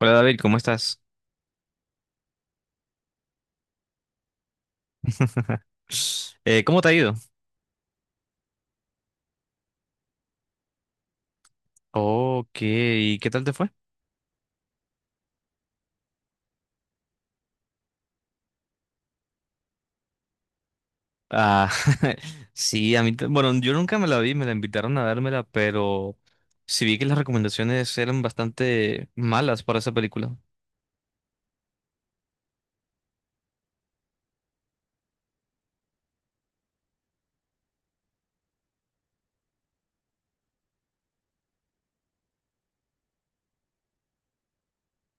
Hola David, ¿cómo estás? ¿Cómo te ha ido? Ok, ¿y qué tal te fue? Ah, sí, a mí, bueno, yo nunca me la vi, me la invitaron a dármela, pero sí vi que las recomendaciones eran bastante malas para esa película.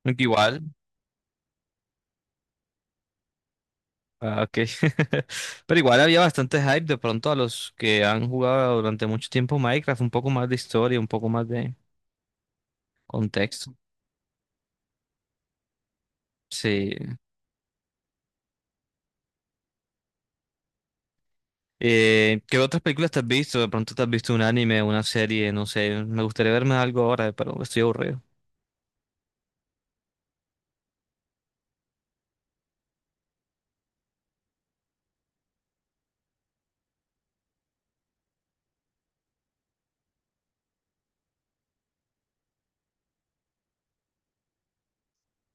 Aunque igual, ok. Pero igual había bastante hype de pronto a los que han jugado durante mucho tiempo Minecraft, un poco más de historia, un poco más de contexto. Sí. ¿Qué otras películas te has visto? De pronto te has visto un anime, una serie, no sé. Me gustaría verme algo ahora, pero estoy aburrido.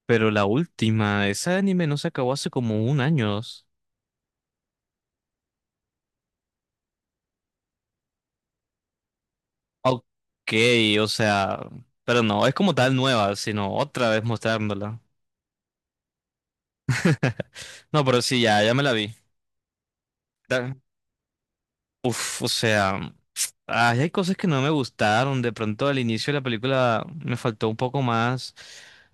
Pero la última, ese anime no se acabó hace como un año, dos. Ok, o sea, pero no, es como tal nueva, sino otra vez mostrándola. No, pero sí, ya, ya me la vi. Da- O sea. Ay, hay cosas que no me gustaron. De pronto al inicio de la película me faltó un poco más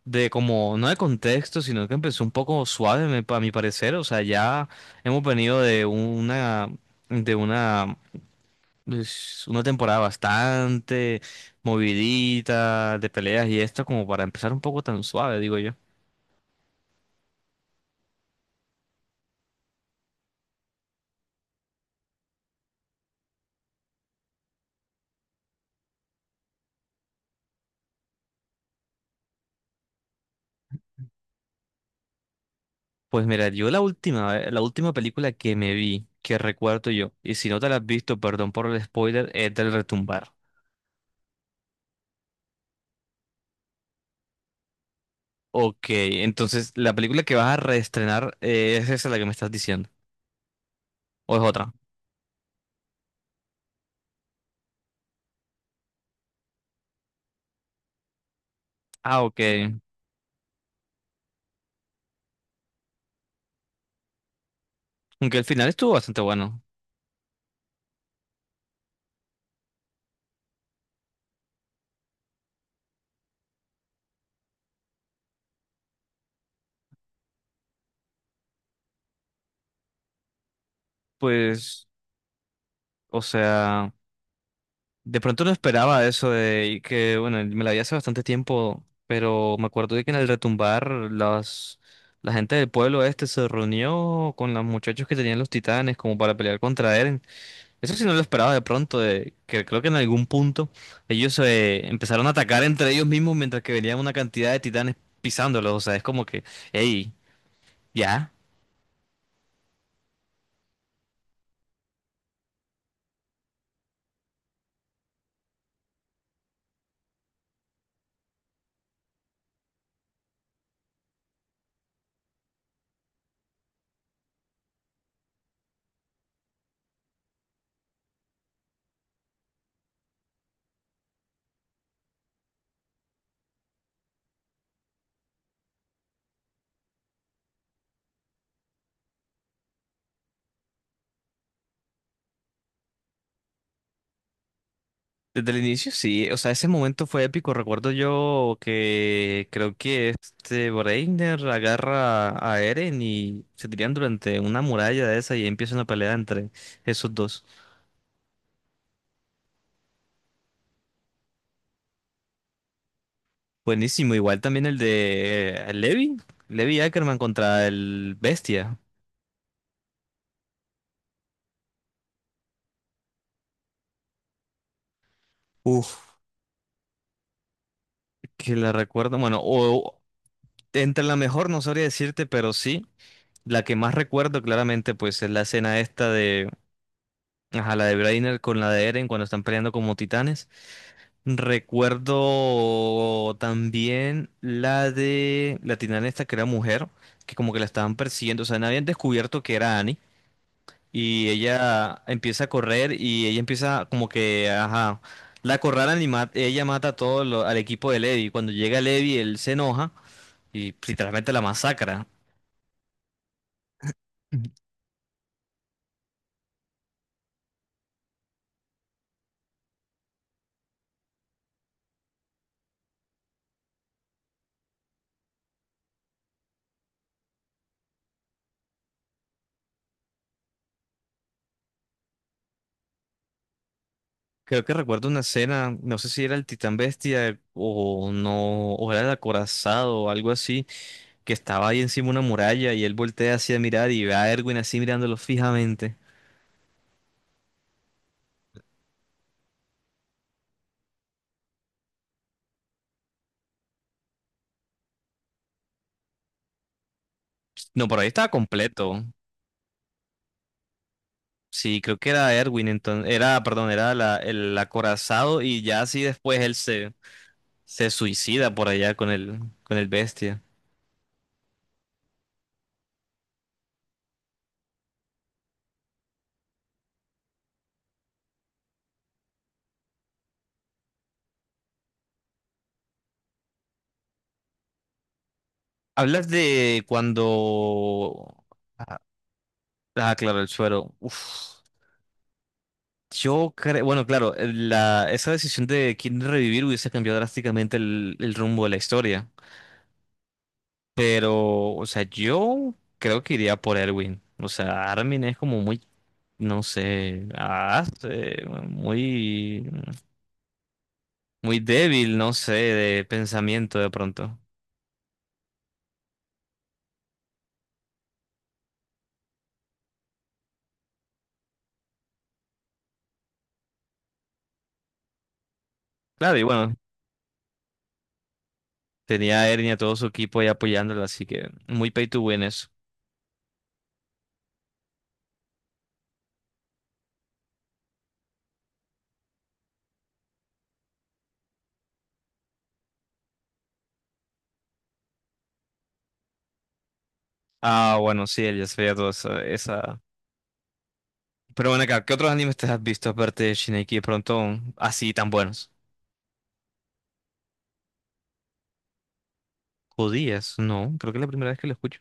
de como, no de contexto, sino que empezó un poco suave, a mi parecer. O sea, ya hemos venido de una, de una, pues, una temporada bastante movidita, de peleas y esto, como para empezar un poco tan suave, digo yo. Pues mira, yo la última película que me vi, que recuerdo yo, y si no te la has visto, perdón por el spoiler, es del Retumbar. Ok, entonces la película que vas a reestrenar, es esa la que me estás diciendo, o es otra. Ah, ok. Aunque el final estuvo bastante bueno. Pues, o sea, de pronto no esperaba eso de y que, bueno, me la vi hace bastante tiempo, pero me acuerdo de que en el retumbar la gente del pueblo este se reunió con los muchachos que tenían los titanes como para pelear contra Eren. Eso sí no lo esperaba de pronto, de que creo que en algún punto ellos empezaron a atacar entre ellos mismos mientras que venían una cantidad de titanes pisándolos. O sea, es como que, hey, ya. Desde el inicio sí, o sea, ese momento fue épico. Recuerdo yo que creo que este Breiner agarra a Eren y se tiran durante una muralla de esa y empieza una pelea entre esos dos. Buenísimo, igual también el de Levi Ackerman contra el Bestia. Uf. Que la recuerdo, bueno, o entre la mejor no sabría decirte, pero sí, la que más recuerdo claramente pues es la escena esta de, ajá, la de Brainer con la de Eren cuando están peleando como titanes. Recuerdo también la de la titana esta que era mujer, que como que la estaban persiguiendo, o sea, no habían descubierto que era Annie y ella empieza a correr y ella empieza como que, ajá, la acorralan y ella mata a al equipo de Levi. Cuando llega Levi, él se enoja y pues, literalmente la masacra. Ujú. Creo que recuerdo una escena, no sé si era el Titán Bestia o no, o era el acorazado o algo así, que estaba ahí encima de una muralla y él voltea así a mirar y ve a Erwin así mirándolo fijamente. No, pero ahí estaba completo. Sí, creo que era Erwin, entonces, era, perdón, era el acorazado y ya así después él se suicida por allá con con el Bestia. Hablas de cuando... Ah, ah, claro, el suero. Uf. Yo creo, bueno, claro, esa decisión de quién revivir hubiese cambiado drásticamente el rumbo de la historia. Pero, o sea, yo creo que iría por Erwin. O sea, Armin es como muy, no sé, muy, muy débil, no sé, de pensamiento de pronto. Claro, y bueno, tenía a Ernie y a todo su equipo ahí apoyándolo, así que muy pay to win eso. Ah, bueno, sí, él ya sabía toda esa, esa. Pero bueno, acá, ¿qué otros animes te has visto aparte de Shingeki de pronto así tan buenos? Judías, no, creo que es la primera vez que lo escucho.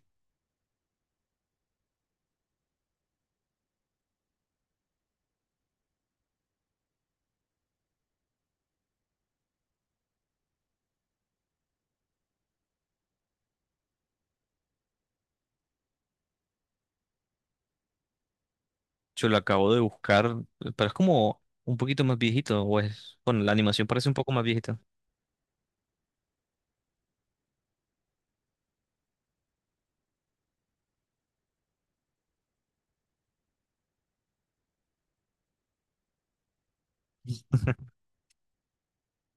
Yo lo acabo de buscar, pero es como un poquito más viejito, o es, bueno, la animación parece un poco más viejita.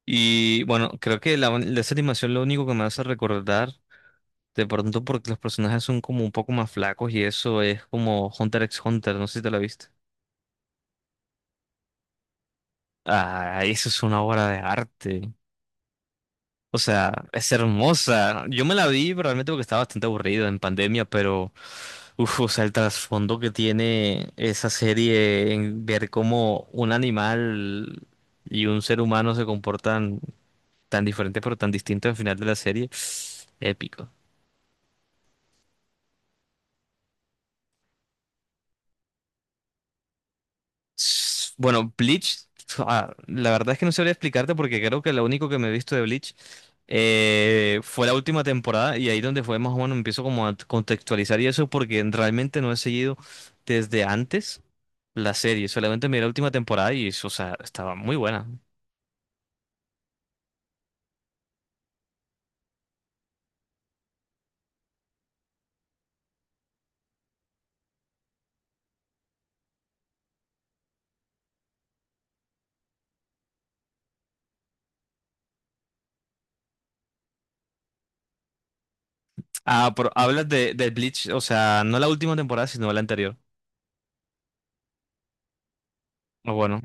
Y bueno, creo que de esa animación lo único que me hace recordar, de pronto porque los personajes son como un poco más flacos y eso es como Hunter x Hunter, no sé si te la viste. Ah, eso es una obra de arte. O sea, es hermosa. Yo me la vi realmente porque estaba bastante aburrido en pandemia, pero uf, o sea, el trasfondo que tiene esa serie en ver cómo un animal y un ser humano se comportan tan diferentes pero tan distintos al final de la serie, épico. Bueno, Bleach, la verdad es que no sabría explicarte porque creo que lo único que me he visto de Bleach fue la última temporada y ahí donde fue más o menos empiezo como a contextualizar y eso porque realmente no he seguido desde antes la serie, solamente miré la última temporada y o sea, estaba muy buena. Ah, pero hablas de Bleach, o sea, no la última temporada, sino la anterior. Ah, bueno,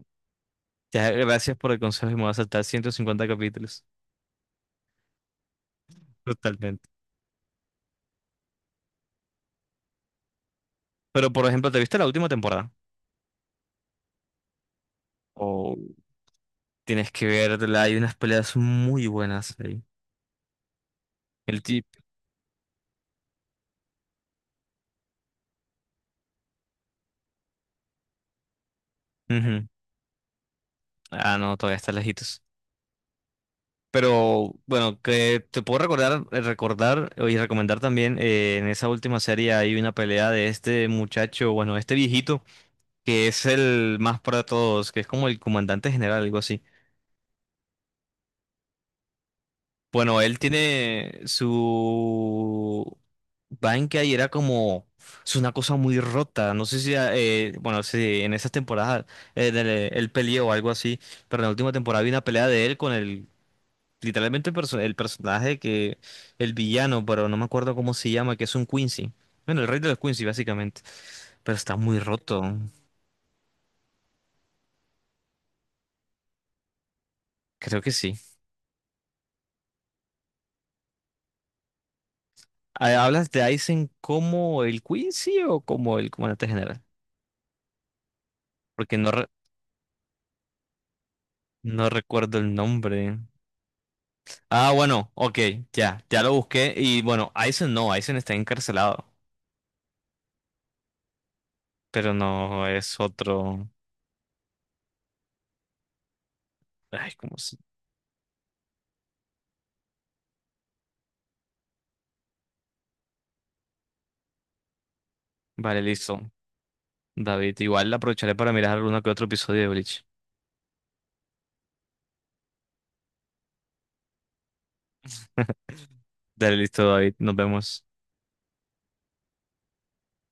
ya, gracias por el consejo y me voy a saltar 150 capítulos. Totalmente. Pero por ejemplo, ¿te viste la última temporada? Tienes que verla, hay unas peleas muy buenas ahí. El tip. Ujú. Ah, no, todavía está lejitos. Pero bueno, que te puedo recordar, recordar y recomendar también, en esa última serie hay una pelea de este muchacho, bueno, este viejito, que es el más para todos, que es como el comandante general, algo así. Bueno, él tiene su banca y era como es una cosa muy rota. No sé si bueno, si en esas temporadas él peleó o algo así, pero en la última temporada vi una pelea de él con el literalmente el personaje que el villano, pero no me acuerdo cómo se llama, que es un Quincy. Bueno, el rey de los Quincy básicamente, pero está muy roto. Creo que sí. Ah, ¿hablas de Aizen como el Quincy o como el comandante general? Porque no No recuerdo el nombre. Ah, bueno, ok, ya, ya lo busqué. Y bueno, Aizen no, Aizen está encarcelado. Pero no es otro. Ay, ¿cómo se? Vale, listo. David, igual aprovecharé para mirar alguno que otro episodio de Bleach. Dale, listo, David, nos vemos.